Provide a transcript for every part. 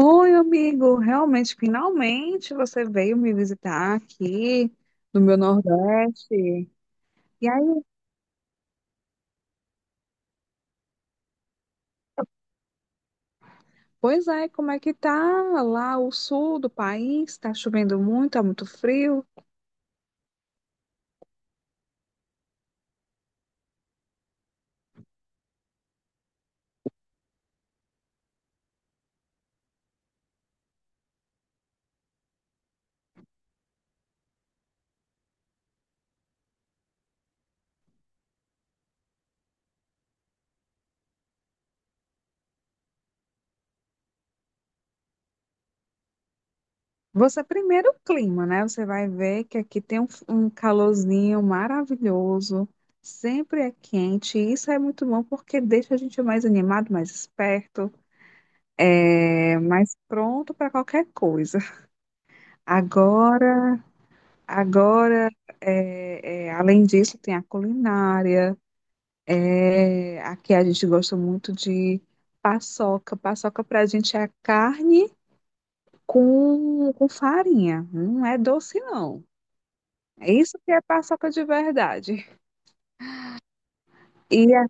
Oi, amigo. Realmente, finalmente você veio me visitar aqui no meu Nordeste. E aí, pois é, como é que tá lá o sul do país? Tá chovendo muito, tá muito frio. Você primeiro o clima, né? Você vai ver que aqui tem um calorzinho maravilhoso. Sempre é quente. E isso é muito bom porque deixa a gente mais animado, mais esperto, mais pronto para qualquer coisa. Agora Agora, além disso, tem a culinária. É, aqui a gente gosta muito de paçoca. Paçoca para a gente é a carne com farinha. Não é doce, não. É isso que é paçoca de verdade. E a-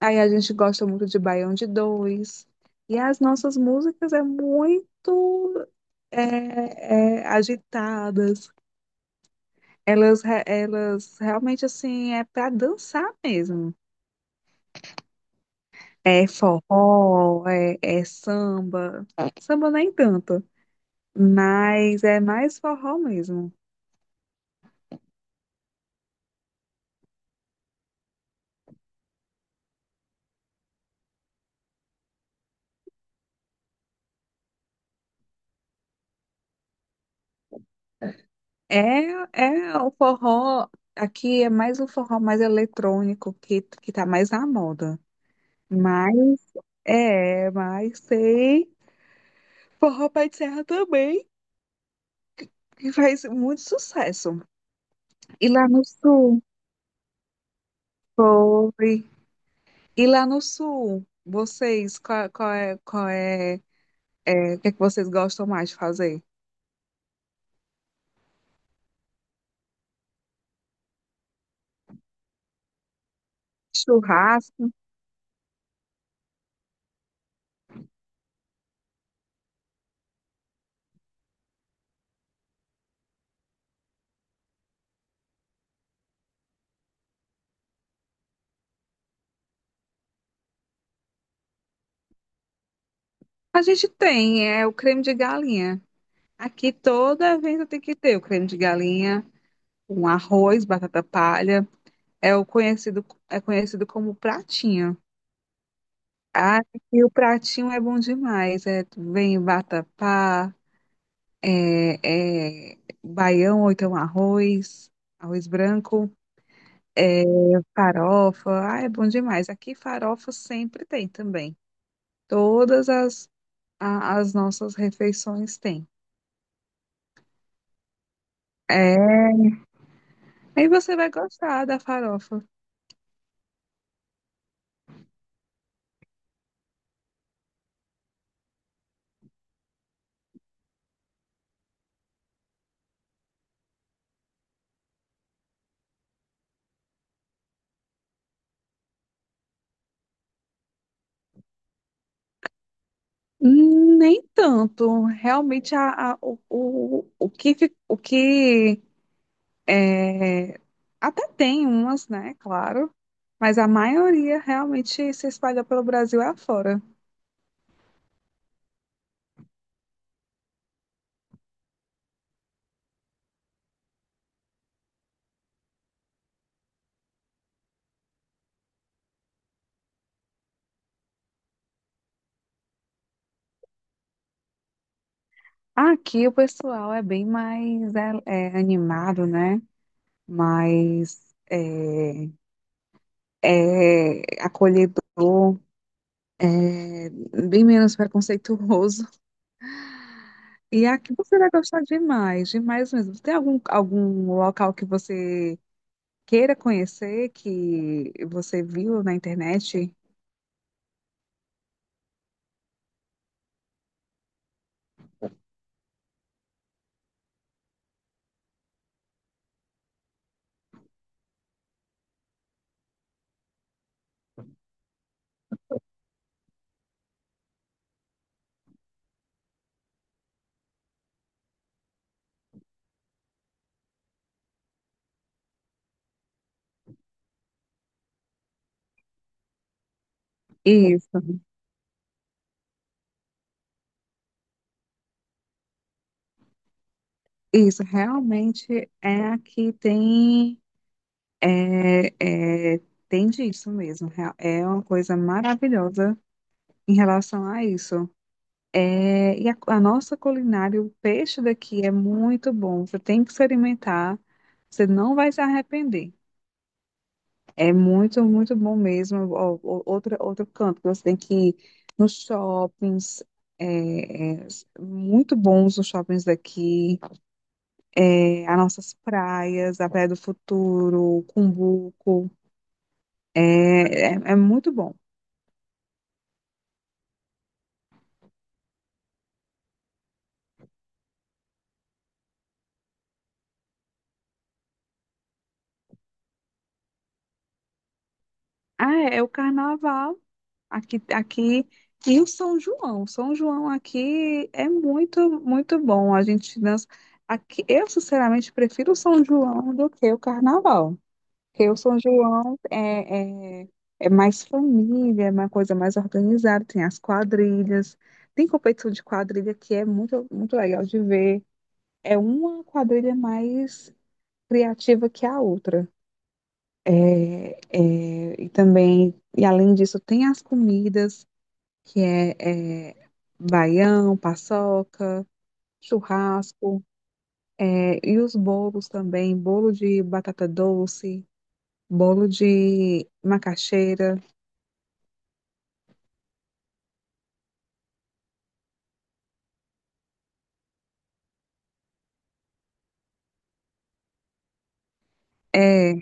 Aí a gente gosta muito de Baião de Dois. E as nossas músicas é muito agitadas. Elas realmente assim é para dançar mesmo. É forró, é samba. Samba nem tanto, mas é mais forró mesmo. É, é o forró, aqui é mais o forró mais eletrônico que tá mais na moda. Mas é, mas tem forró pé de serra também, que faz muito sucesso. E lá no sul, foi. E lá no sul, vocês, o que é que vocês gostam mais de fazer? Churrasco? A gente tem, é o creme de galinha. Aqui todo evento tem que ter o creme de galinha, um arroz, batata palha, é conhecido como pratinho. Ah, e o pratinho é bom demais, é, vem vatapá, é, é baião ou então arroz, arroz branco. É, farofa, ah, é bom demais. Aqui farofa sempre tem também. Todas as, as nossas refeições têm. É, aí você vai gostar da farofa. Nem tanto. Realmente o que é, até tem umas, né? Claro. Mas a maioria realmente se espalha pelo Brasil afora. Aqui o pessoal é bem mais animado, né? Mais. Acolhedor, é, bem menos preconceituoso. E aqui você vai gostar demais, demais mesmo. Tem algum local que você queira conhecer, que você viu na internet? Isso, isso, realmente é aqui tem, é, é, tem disso mesmo. É uma coisa maravilhosa em relação a isso. É, e a nossa culinária, o peixe daqui é muito bom. Você tem que experimentar. Você não vai se arrepender. É muito, muito bom mesmo. Ó, ó, outro canto que você tem que ir nos shoppings. Muito bons os shoppings daqui. É, as nossas praias, a Praia do Futuro, Cumbuco. É, é muito bom. Ah, é é o carnaval. Aqui e o São João. São João aqui é muito, muito bom. A gente dança. Aqui, eu, sinceramente, prefiro o São João do que o Carnaval. Porque o São João é mais família, é uma coisa mais organizada. Tem as quadrilhas, tem competição de quadrilha que é muito, muito legal de ver. É uma quadrilha mais criativa que a outra. E também, e além disso, tem as comidas que é baião, paçoca, churrasco, é, e os bolos também, bolo de batata doce, bolo de macaxeira. É,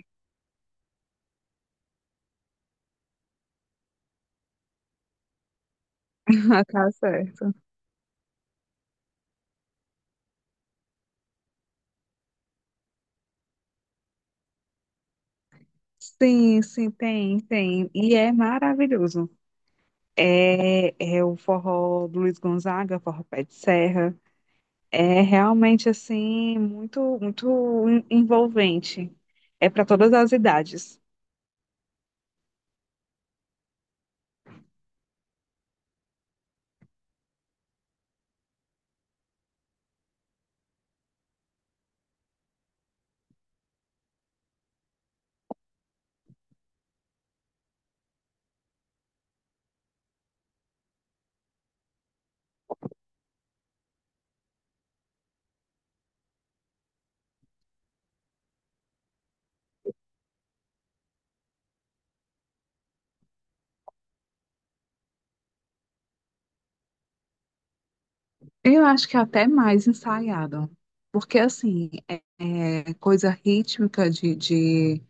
tá certo. Sim, sim, tem, tem. E é maravilhoso. É o forró do Luiz Gonzaga, forró Pé de Serra. É realmente assim muito muito en- envolvente. É para todas as idades. Eu acho que é até mais ensaiado, porque assim, é, é coisa rítmica de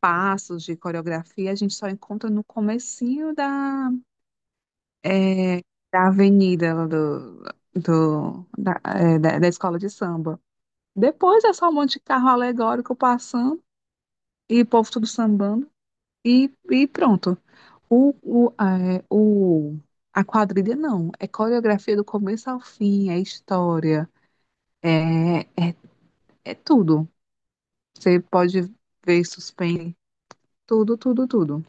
passos, de coreografia, a gente só encontra no comecinho é, da avenida da escola de samba. Depois é só um monte de carro alegórico passando e o povo tudo sambando e pronto. O, o, é, o, a quadrilha não, é coreografia do começo ao fim, é história. é, é tudo. Você pode ver suspense, tudo, tudo, tudo.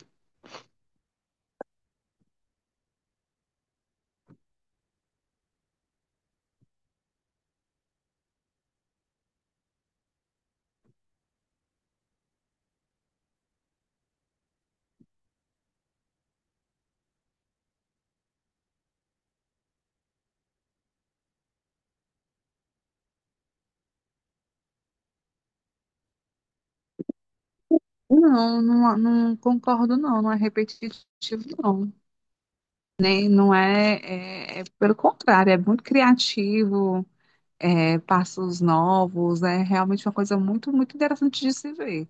Não, não, não concordo, não. Não é repetitivo, não. É pelo contrário, é muito criativo, é, passos novos, é realmente uma coisa muito, muito interessante de se ver.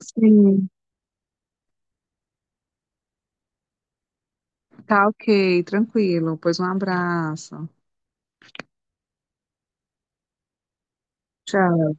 Sim. Tá ok, tranquilo. Pois um abraço. Tchau.